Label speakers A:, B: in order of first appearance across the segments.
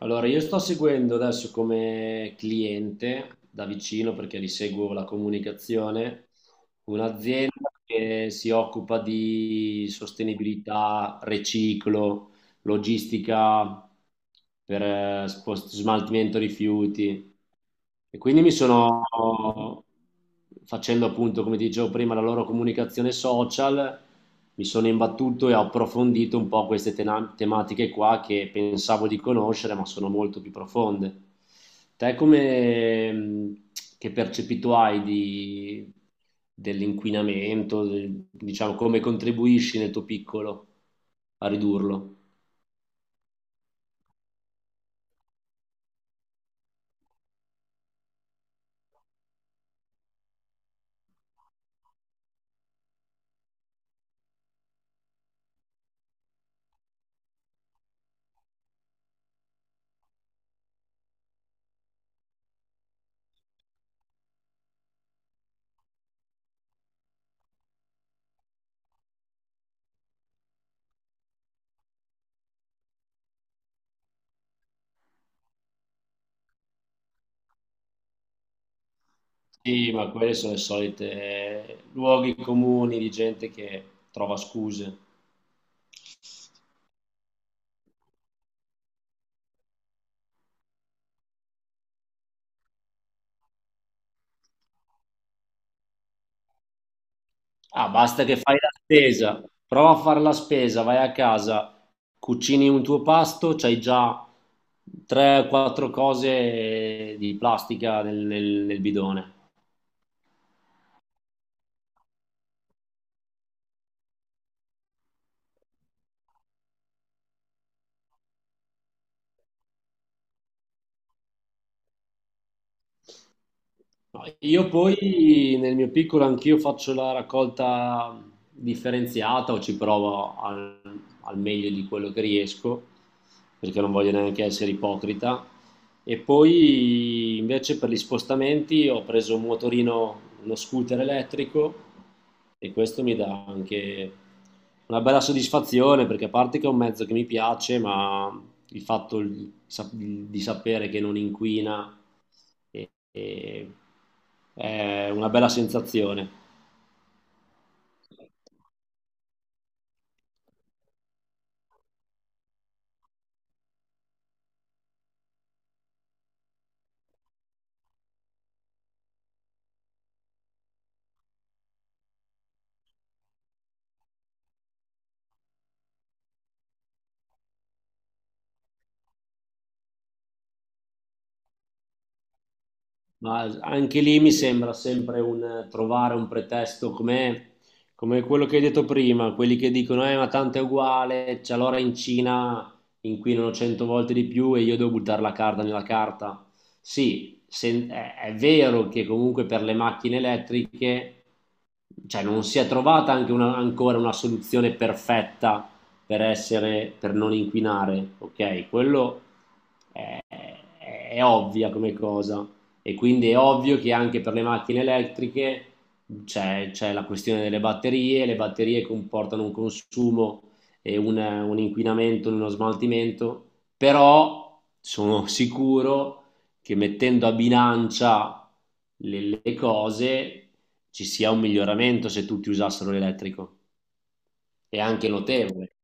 A: Allora, io sto seguendo adesso come cliente da vicino perché li seguo la comunicazione, un'azienda che si occupa di sostenibilità, riciclo, logistica per smaltimento rifiuti. E quindi facendo appunto, come ti dicevo prima, la loro comunicazione social, mi sono imbattuto e ho approfondito un po' queste tematiche qua che pensavo di conoscere, ma sono molto più profonde. Te come, che percepito hai dell'inquinamento, diciamo, come contribuisci nel tuo piccolo a ridurlo? Sì, ma quelli sono i soliti luoghi comuni di gente che trova scuse. Ah, basta che fai la spesa, prova a fare la spesa, vai a casa, cucini un tuo pasto, c'hai già 3-4 cose di plastica nel bidone. No, io poi nel mio piccolo anch'io faccio la raccolta differenziata o ci provo al meglio di quello che riesco, perché non voglio neanche essere ipocrita. E poi invece per gli spostamenti ho preso un motorino, uno scooter elettrico e questo mi dà anche una bella soddisfazione perché a parte che è un mezzo che mi piace, ma il fatto di sapere che non inquina e è una bella sensazione. Ma anche lì mi sembra sempre un trovare un pretesto come quello che hai detto prima, quelli che dicono ma tanto è uguale, c'è l'ora in Cina in cui inquinano 100 volte di più e io devo buttare la carta nella carta. Sì, è vero che comunque per le macchine elettriche cioè, non si è trovata anche ancora una soluzione perfetta per non inquinare, ok? Quello è, è- è ovvia come cosa, e quindi è ovvio che anche per le macchine elettriche c'è la questione delle batterie, le batterie comportano un consumo e un inquinamento, uno smaltimento, però sono sicuro che mettendo a bilancia le cose ci sia un miglioramento se tutti usassero l'elettrico. È anche notevole.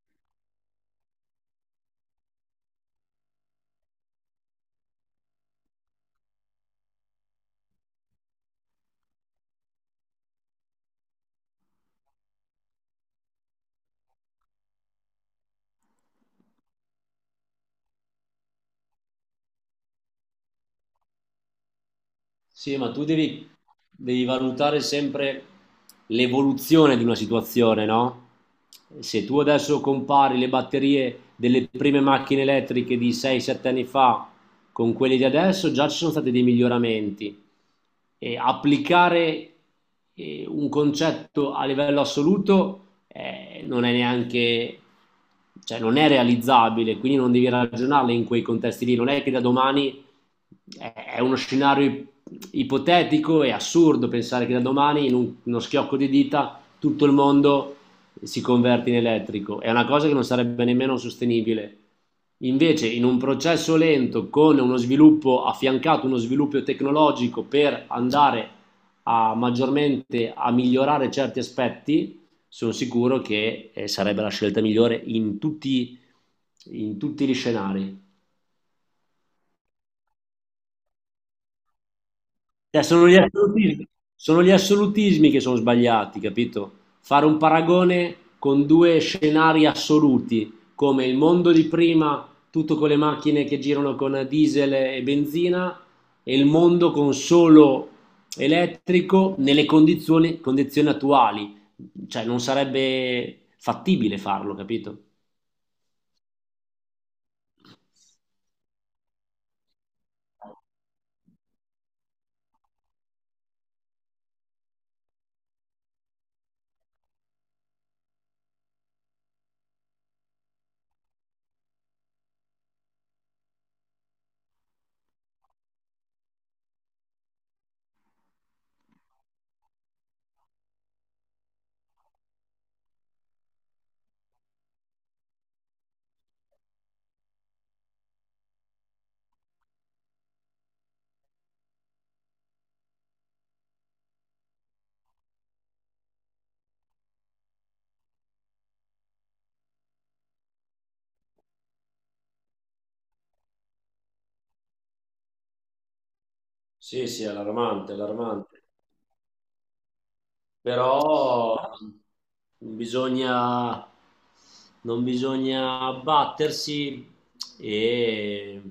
A: Sì, ma tu devi valutare sempre l'evoluzione di una situazione, no? Se tu adesso compari le batterie delle prime macchine elettriche di 6-7 anni fa con quelle di adesso, già ci sono stati dei miglioramenti. Applicare un concetto a livello assoluto non è neanche, cioè non è realizzabile, quindi non devi ragionarle in quei contesti lì, non è che da domani è uno scenario ipotetico e assurdo pensare che da domani uno schiocco di dita tutto il mondo si converte in elettrico, è una cosa che non sarebbe nemmeno sostenibile. Invece in un processo lento con uno sviluppo affiancato, uno sviluppo tecnologico per andare a maggiormente a migliorare certi aspetti, sono sicuro che sarebbe la scelta migliore in tutti gli scenari. Cioè, sono gli assolutismi che sono sbagliati, capito? Fare un paragone con due scenari assoluti, come il mondo di prima, tutto con le macchine che girano con diesel e benzina, e il mondo con solo elettrico nelle condizioni attuali. Cioè, non sarebbe fattibile farlo, capito? Sì, sì, è allarmante, è allarmante. Però non bisogna, non bisogna abbattersi e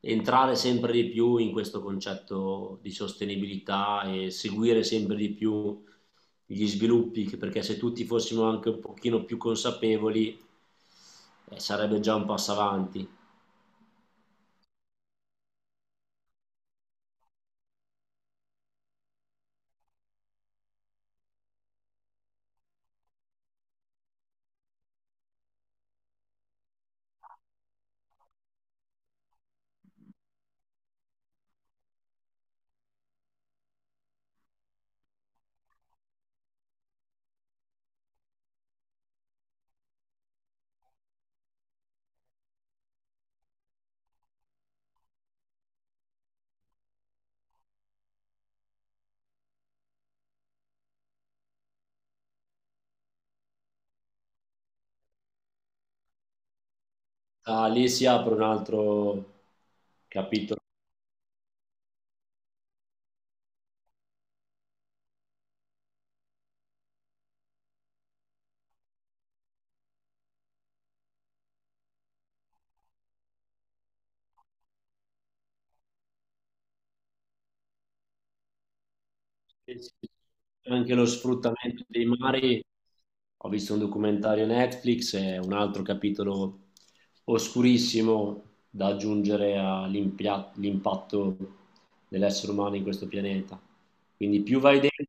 A: entrare sempre di più in questo concetto di sostenibilità e seguire sempre di più gli sviluppi, perché se tutti fossimo anche un pochino più consapevoli, sarebbe già un passo avanti. Ah, lì si apre un altro capitolo. Sì, sì. Anche lo sfruttamento dei mari, ho visto un documentario Netflix, è un altro capitolo oscurissimo da aggiungere all'impatto dell'essere umano in questo pianeta. Quindi più vai dentro.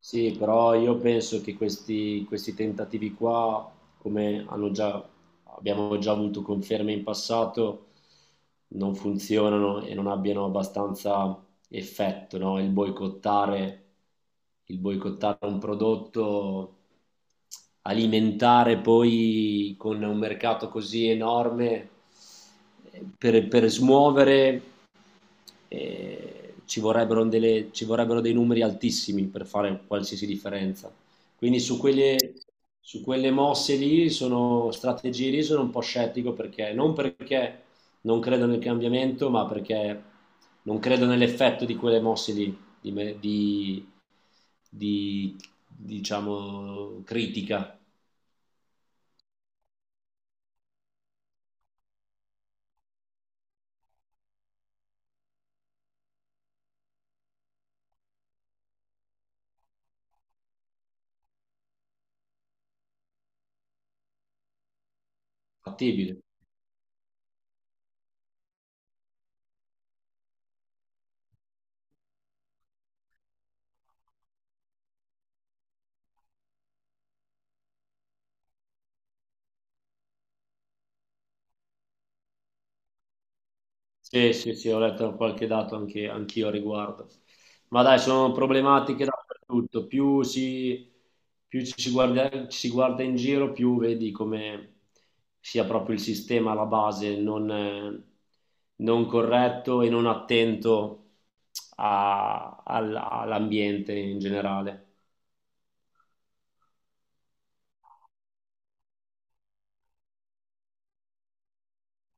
A: Sì, però io penso che questi tentativi qua, come hanno già- abbiamo già avuto conferme in passato, non funzionano e non abbiano abbastanza effetto, no? Il boicottare un prodotto, alimentare poi con un mercato così enorme per smuovere ci vorrebbero dei numeri altissimi per fare qualsiasi differenza. Quindi su quelle mosse lì, sono strategie lì, sono un po' scettico perché non credo nel cambiamento, ma perché non credo nell'effetto di quelle mosse lì, di, me- di, diciamo, critica fattibile. Sì, sì, sì, ho letto qualche dato anche, anch'io a riguardo. Ma dai, sono problematiche dappertutto. Più ci si guarda in giro, più vedi come sia proprio il sistema alla base non corretto e non attento all'ambiente in generale.